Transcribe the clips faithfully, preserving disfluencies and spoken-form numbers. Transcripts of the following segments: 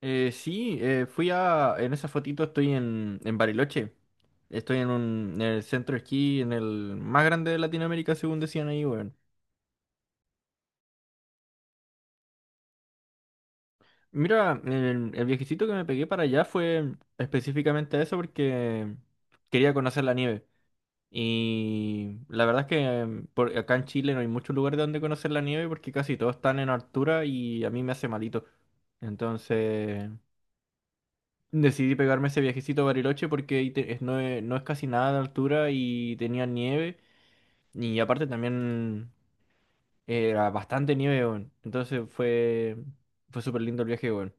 Eh, sí, eh, fui a... En esa fotito estoy en, en Bariloche. Estoy en, un, en el centro de esquí, en el más grande de Latinoamérica, según decían ahí, weón. Mira, el, el viajecito que me pegué para allá fue específicamente a eso porque quería conocer la nieve. Y la verdad es que por, acá en Chile no hay muchos lugares donde conocer la nieve porque casi todos están en altura y a mí me hace malito. Entonces... Decidí pegarme ese viajecito a Bariloche porque ahí te- es- no, es, no es casi nada de altura y tenía nieve. Y aparte también era bastante nieve, weón. Entonces fue, fue súper lindo el viaje, weón.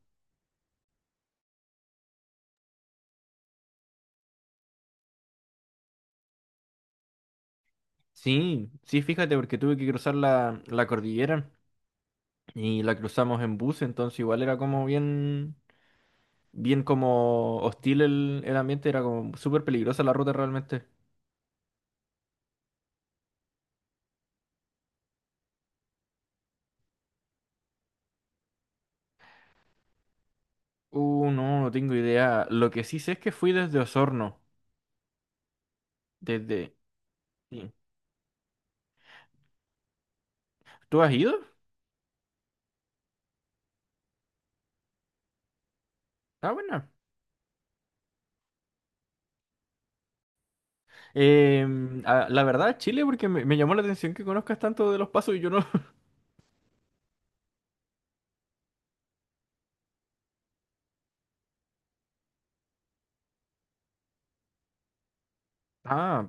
Sí, sí, fíjate, porque tuve que cruzar la, la cordillera y la cruzamos en bus, entonces igual era como bien, bien como hostil el, el ambiente, era como súper peligrosa la ruta realmente. Uh, no, no tengo idea. Lo que sí sé es que fui desde Osorno, desde... sí. ¿Tú has ido? Ah, bueno. Eh, ah, la verdad, Chile, porque me, me llamó la atención que conozcas tanto de los pasos y yo no. Ah,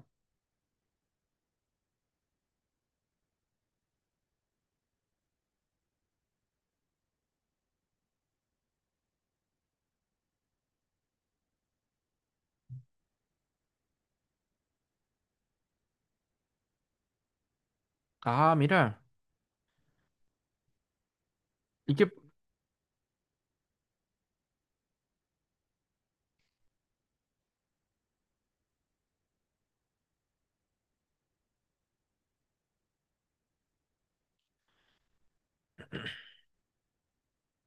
ah, mira. Y que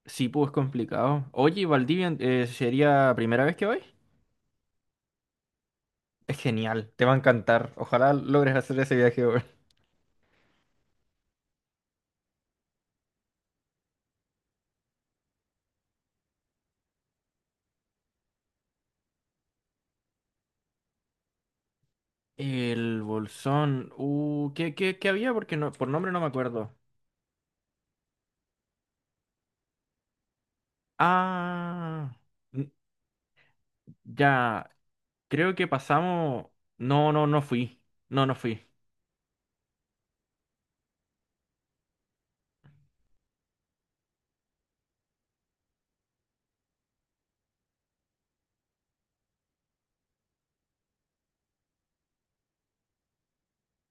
sí, pues es complicado. Oye, Valdivia, eh, ¿sería primera vez que vais? Es genial, te va a encantar. Ojalá logres hacer ese viaje, weón. El Bolsón. Uh, ¿qué, qué, qué había? Porque no, por nombre no me acuerdo. Ah, n- ya. Creo que pasamos. No, no, no fui. No, no fui.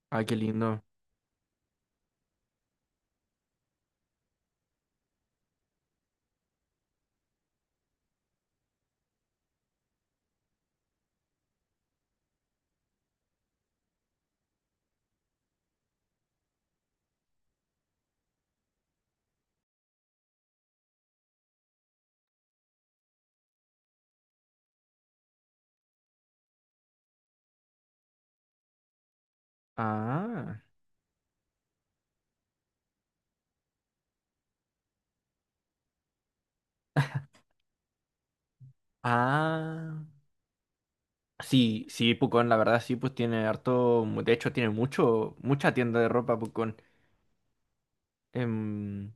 Ay, qué lindo. Ah. Ah. Sí, sí, Pucón, la verdad sí, pues tiene harto, de hecho tiene mucho, mucha tienda de ropa Pucón. Em,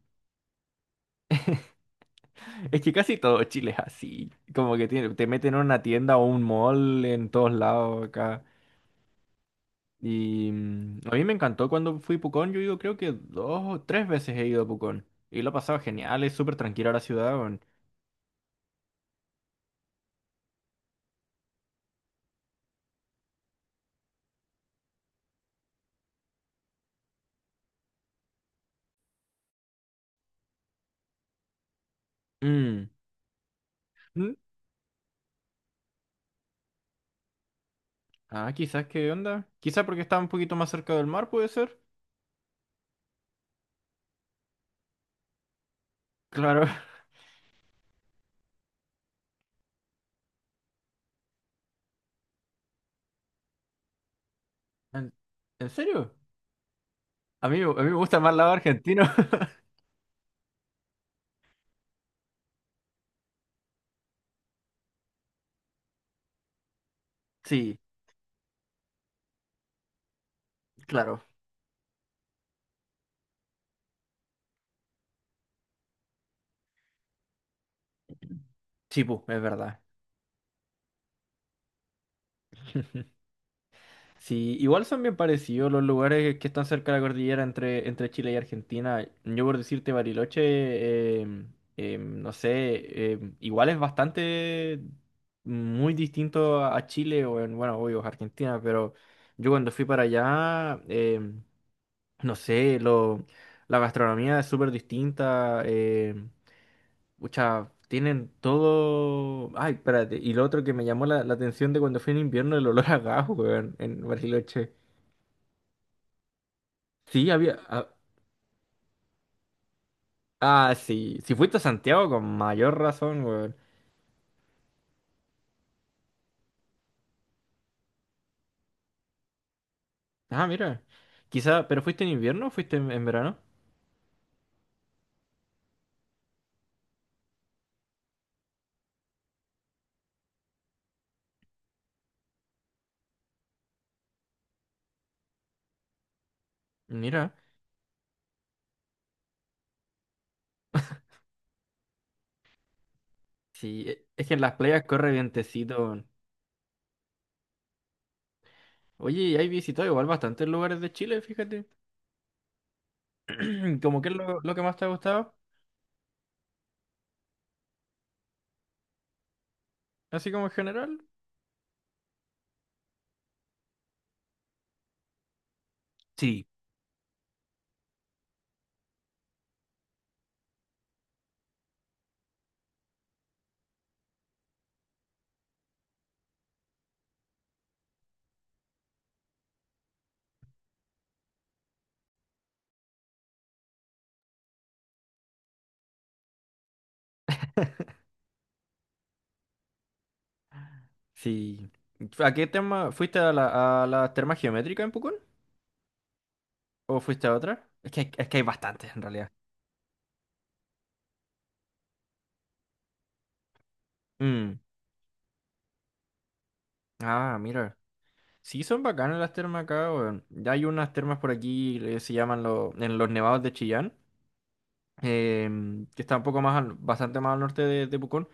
es que casi todo Chile es así, como que tiene, te meten en una tienda o un mall en todos lados acá. Y mm, a mí me encantó cuando fui a Pucón, yo digo, creo que dos o tres veces he ido a Pucón. Y lo he pasado genial, es súper tranquila la ciudad, weón. Mm, mm, Ah, quizás, ¿qué onda? Quizás porque está un poquito más cerca del mar, puede ser. Claro. ¿En, ¿En serio? A mí, a mí me gusta más el lado argentino. Sí, claro. Sí, pu, es verdad. Sí, igual son bien parecidos los lugares que están cerca de la cordillera entre, entre Chile y Argentina. Yo por decirte Bariloche, em, em, no sé, em, igual es bastante muy distinto a a Chile o en, bueno, obvio, es Argentina, pero yo cuando fui para allá, em, no sé, lo, la gastronomía es súper distinta. em, Pucha, tienen todo. Ay, espérate. Y lo otro que me llamó la, la atención de cuando fui en invierno, el olor a gas, weón, en Bariloche. Sí, había. Ah, ah, sí. Si fuiste a Santiago, con mayor razón, weón. Ah, mira. Quizá, ¿pero fuiste en invierno o fuiste en, en verano? Mira. Sí, e- es que en las playas corre vientecito, weón. Oye, y hay visitado igual bastantes lugares de Chile, fíjate. ¿Cómo que es lo, lo que más te ha gustado? Así como en general. Sí. Sí. ¿A qué tema? ¿Fuiste a la, a la terma geométrica en Pucón? ¿O fuiste a otra? Es que hay, es que hay bastantes en realidad. Mm. Ah, mira. Sí, son bacanas las termas acá, weón. Ya hay unas termas por aquí, que se llaman lo- en los nevados de Chillán, em, que está un poco más, al- bastante más al norte de, de Pucón,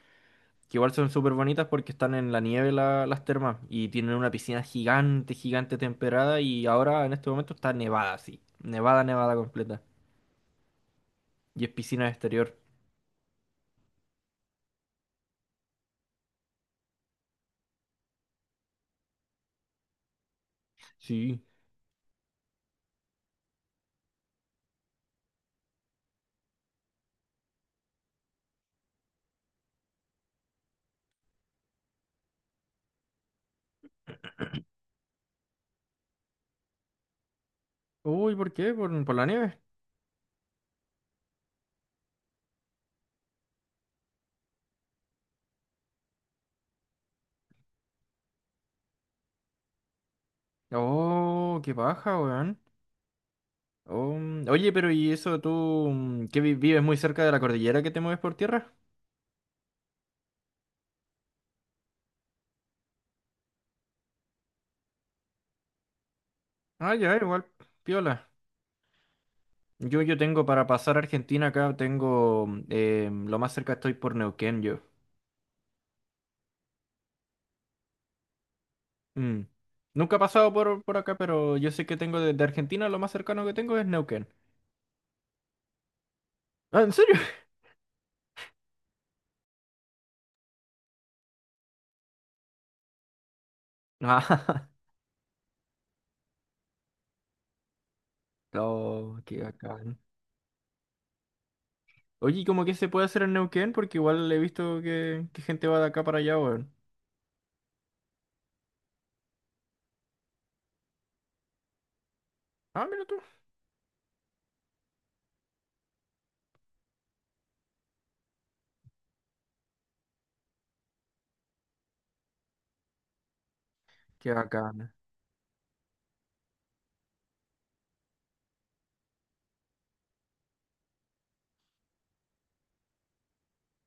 que igual son súper bonitas porque están en la nieve la- las termas y tienen una piscina gigante, gigante temperada y ahora en este momento está nevada, sí. Nevada, nevada completa. Y es piscina de exterior. Sí. Uy, ¿por qué? ¿Por, ¿por la nieve? Oh, qué paja, weón. Oh, mm, oye, pero ¿y eso tú mm, que vi- vives muy cerca de la cordillera que te mueves por tierra? Ah, ya, igual, piola. Yo, yo tengo para pasar a Argentina acá, tengo mm, eh, lo más cerca estoy por Neuquén, yo. Mm. Nunca he pasado por, por acá, pero yo sé que tengo desde Argentina, lo más cercano que tengo es Neuquén. Ah, ¿en serio? Ah, no, qué bacán. Oye, ¿y cómo que se puede hacer en Neuquén? Porque igual he visto que, que gente va de acá para allá, weón. Ah, mira tú. Qué bacana.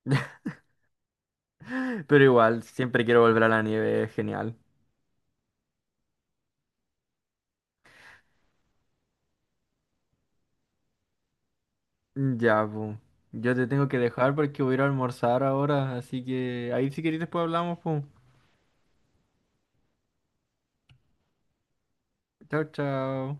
Pero igual, siempre quiero volver a la nieve, es genial. Ya, pues. Yo te tengo que dejar porque voy a ir a almorzar ahora, así que ahí si querés después hablamos, pues. Chao, chao.